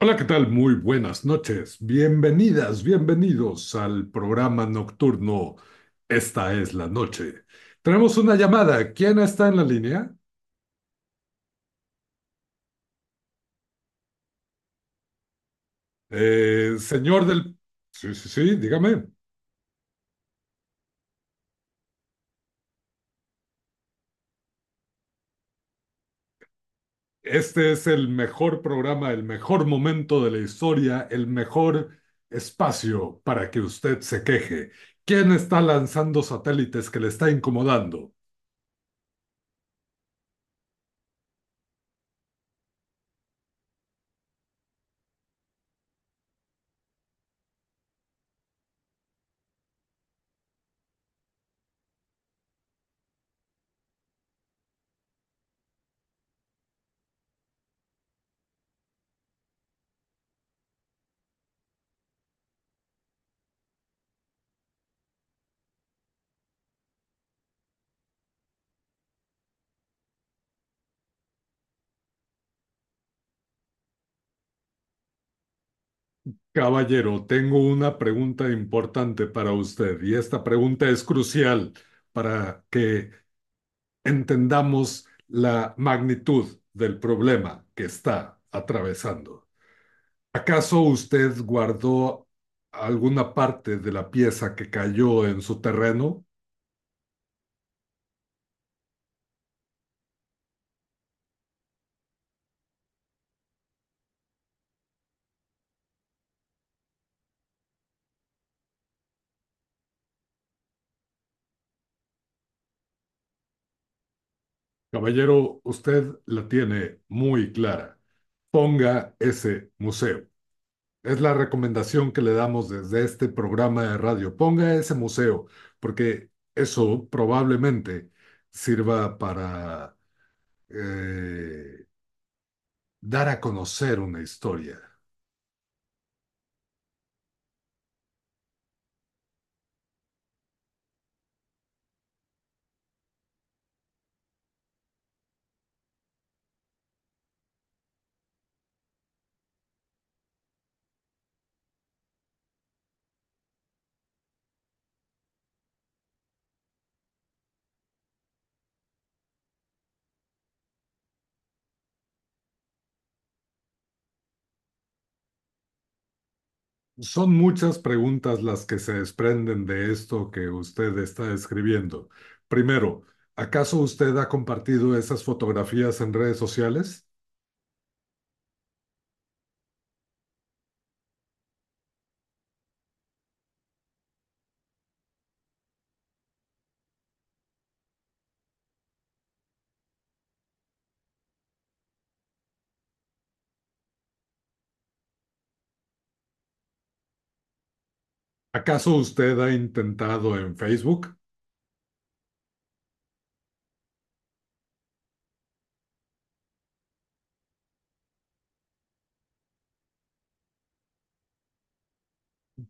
Hola, ¿qué tal? Muy buenas noches. Bienvenidas, bienvenidos al programa nocturno. Esta es la noche. Tenemos una llamada. ¿Quién está en la línea? Señor del... Sí, sí, sí, dígame. Este es el mejor programa, el mejor momento de la historia, el mejor espacio para que usted se queje. ¿Quién está lanzando satélites que le está incomodando? Caballero, tengo una pregunta importante para usted y esta pregunta es crucial para que entendamos la magnitud del problema que está atravesando. ¿Acaso usted guardó alguna parte de la pieza que cayó en su terreno? Caballero, usted la tiene muy clara. Ponga ese museo. Es la recomendación que le damos desde este programa de radio. Ponga ese museo, porque eso probablemente sirva para eh, dar a conocer una historia. Son muchas preguntas las que se desprenden de esto que usted está escribiendo. Primero, ¿acaso usted ha compartido esas fotografías en redes sociales? ¿Acaso usted ha intentado en Facebook?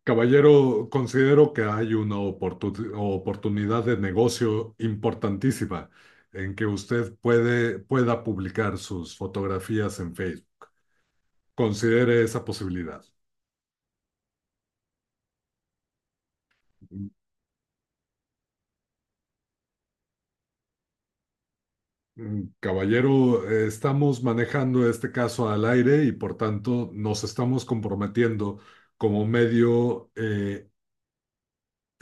Caballero, considero que hay una oportunidad de negocio importantísima en que usted pueda publicar sus fotografías en Facebook. Considere esa posibilidad. Mm, mm, caballero, estamos manejando este caso al aire y por tanto nos estamos comprometiendo como medio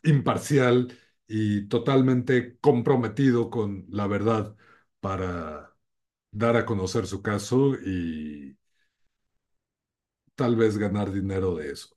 imparcial y totalmente comprometido con la verdad para dar a conocer su caso y tal vez ganar dinero de eso.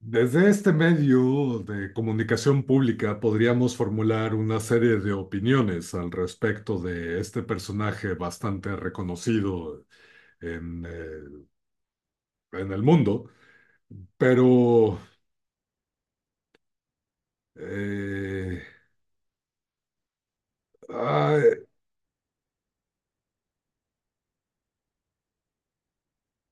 Desde este medio de comunicación pública podríamos formular una serie de opiniones al respecto de este personaje bastante reconocido en, eh, en el mundo, pero eh, ah,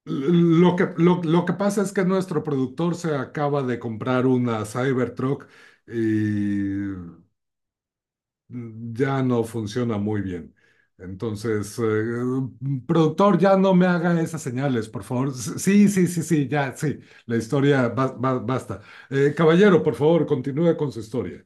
lo que pasa es que nuestro productor se acaba de comprar una Cybertruck y ya no funciona muy bien. Entonces, productor, ya no me haga esas señales, por favor. Sí, sí, sí, sí, ya, sí. La historia, basta. Caballero, por favor, continúe con su historia.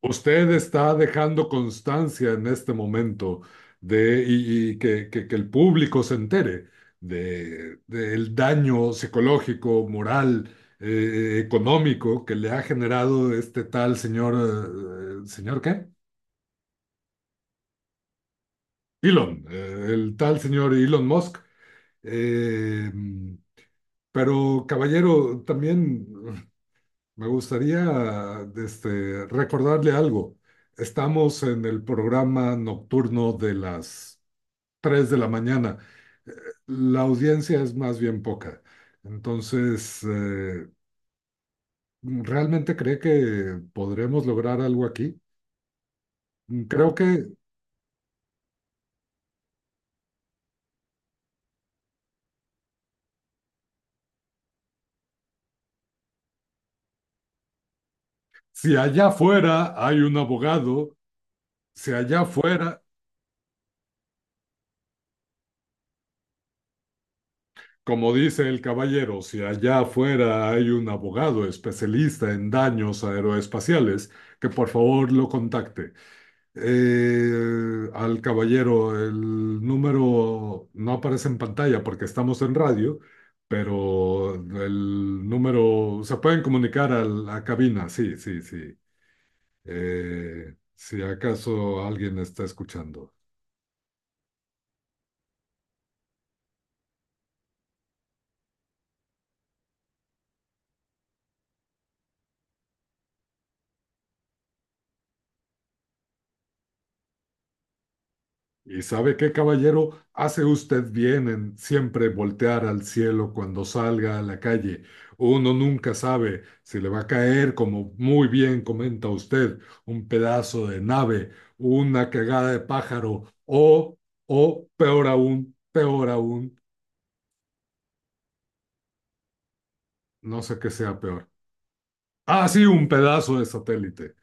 Usted está dejando constancia en este momento de, que el público se entere de, del daño psicológico, moral, económico que le ha generado este tal señor, ¿señor qué? Elon, el tal señor Elon Musk. Eh, pero, caballero, también me gustaría este, recordarle algo. Estamos en el programa nocturno de las 3 de la mañana. Eh, La audiencia es más bien poca. Entonces, ¿realmente cree que podremos lograr algo aquí? Creo que si allá afuera hay un abogado, si allá afuera... Como dice el caballero, si allá afuera hay un abogado especialista en daños aeroespaciales, que por favor lo contacte. Al caballero, el número no aparece en pantalla porque estamos en radio, pero el número se pueden comunicar a la cabina, sí, sí, sí. Si acaso alguien está escuchando. Y sabe qué, caballero, hace usted bien en siempre voltear al cielo cuando salga a la calle. Uno nunca sabe si le va a caer, como muy bien comenta usted, un pedazo de nave, una cagada de pájaro o peor aún, no sé qué sea peor. Ah, sí, un pedazo de satélite.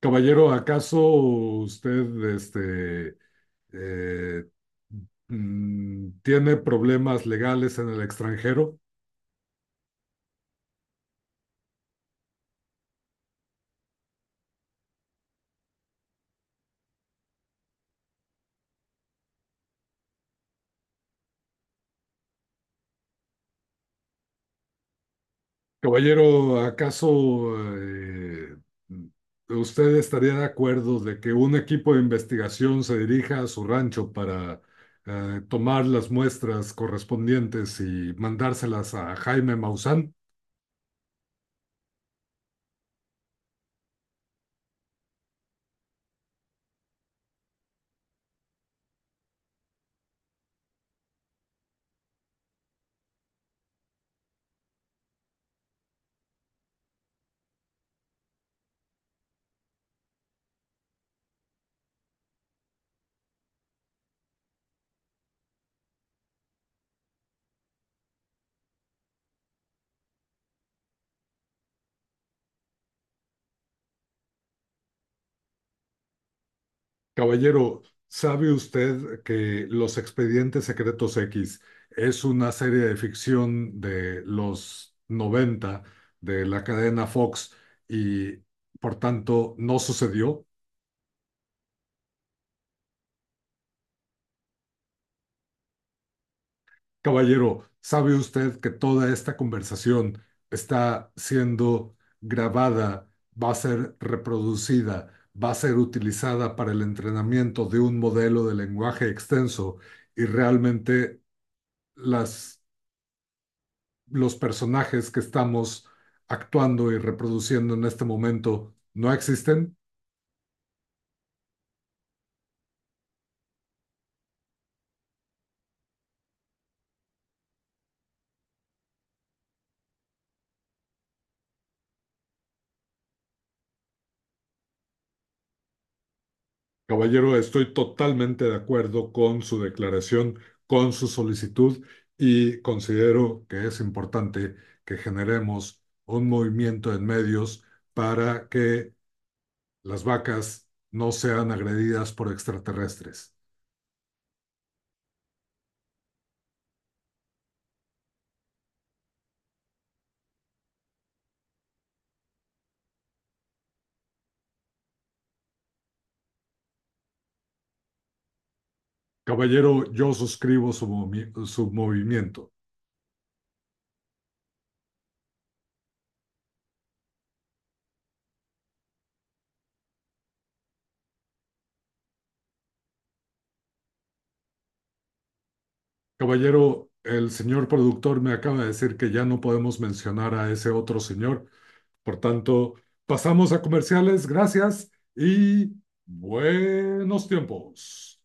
Caballero, ¿acaso usted este, eh, tiene problemas legales en el extranjero? Caballero, ¿acaso usted estaría de acuerdo de que un equipo de investigación se dirija a su rancho para tomar las muestras correspondientes y mandárselas a Jaime Maussan? Caballero, ¿sabe usted que Los Expedientes Secretos X es una serie de ficción de los 90 de la cadena Fox y por tanto no sucedió? Caballero, ¿sabe usted que toda esta conversación está siendo grabada, va a ser reproducida, va a ser utilizada para el entrenamiento de un modelo de lenguaje extenso y realmente las los personajes que estamos actuando y reproduciendo en este momento no existen? Caballero, estoy totalmente de acuerdo con su declaración, con su solicitud y considero que es importante que generemos un movimiento en medios para que las vacas no sean agredidas por extraterrestres. Caballero, yo suscribo su movimiento. Caballero, el señor productor me acaba de decir que ya no podemos mencionar a ese otro señor. Por tanto, pasamos a comerciales. Gracias y buenos tiempos.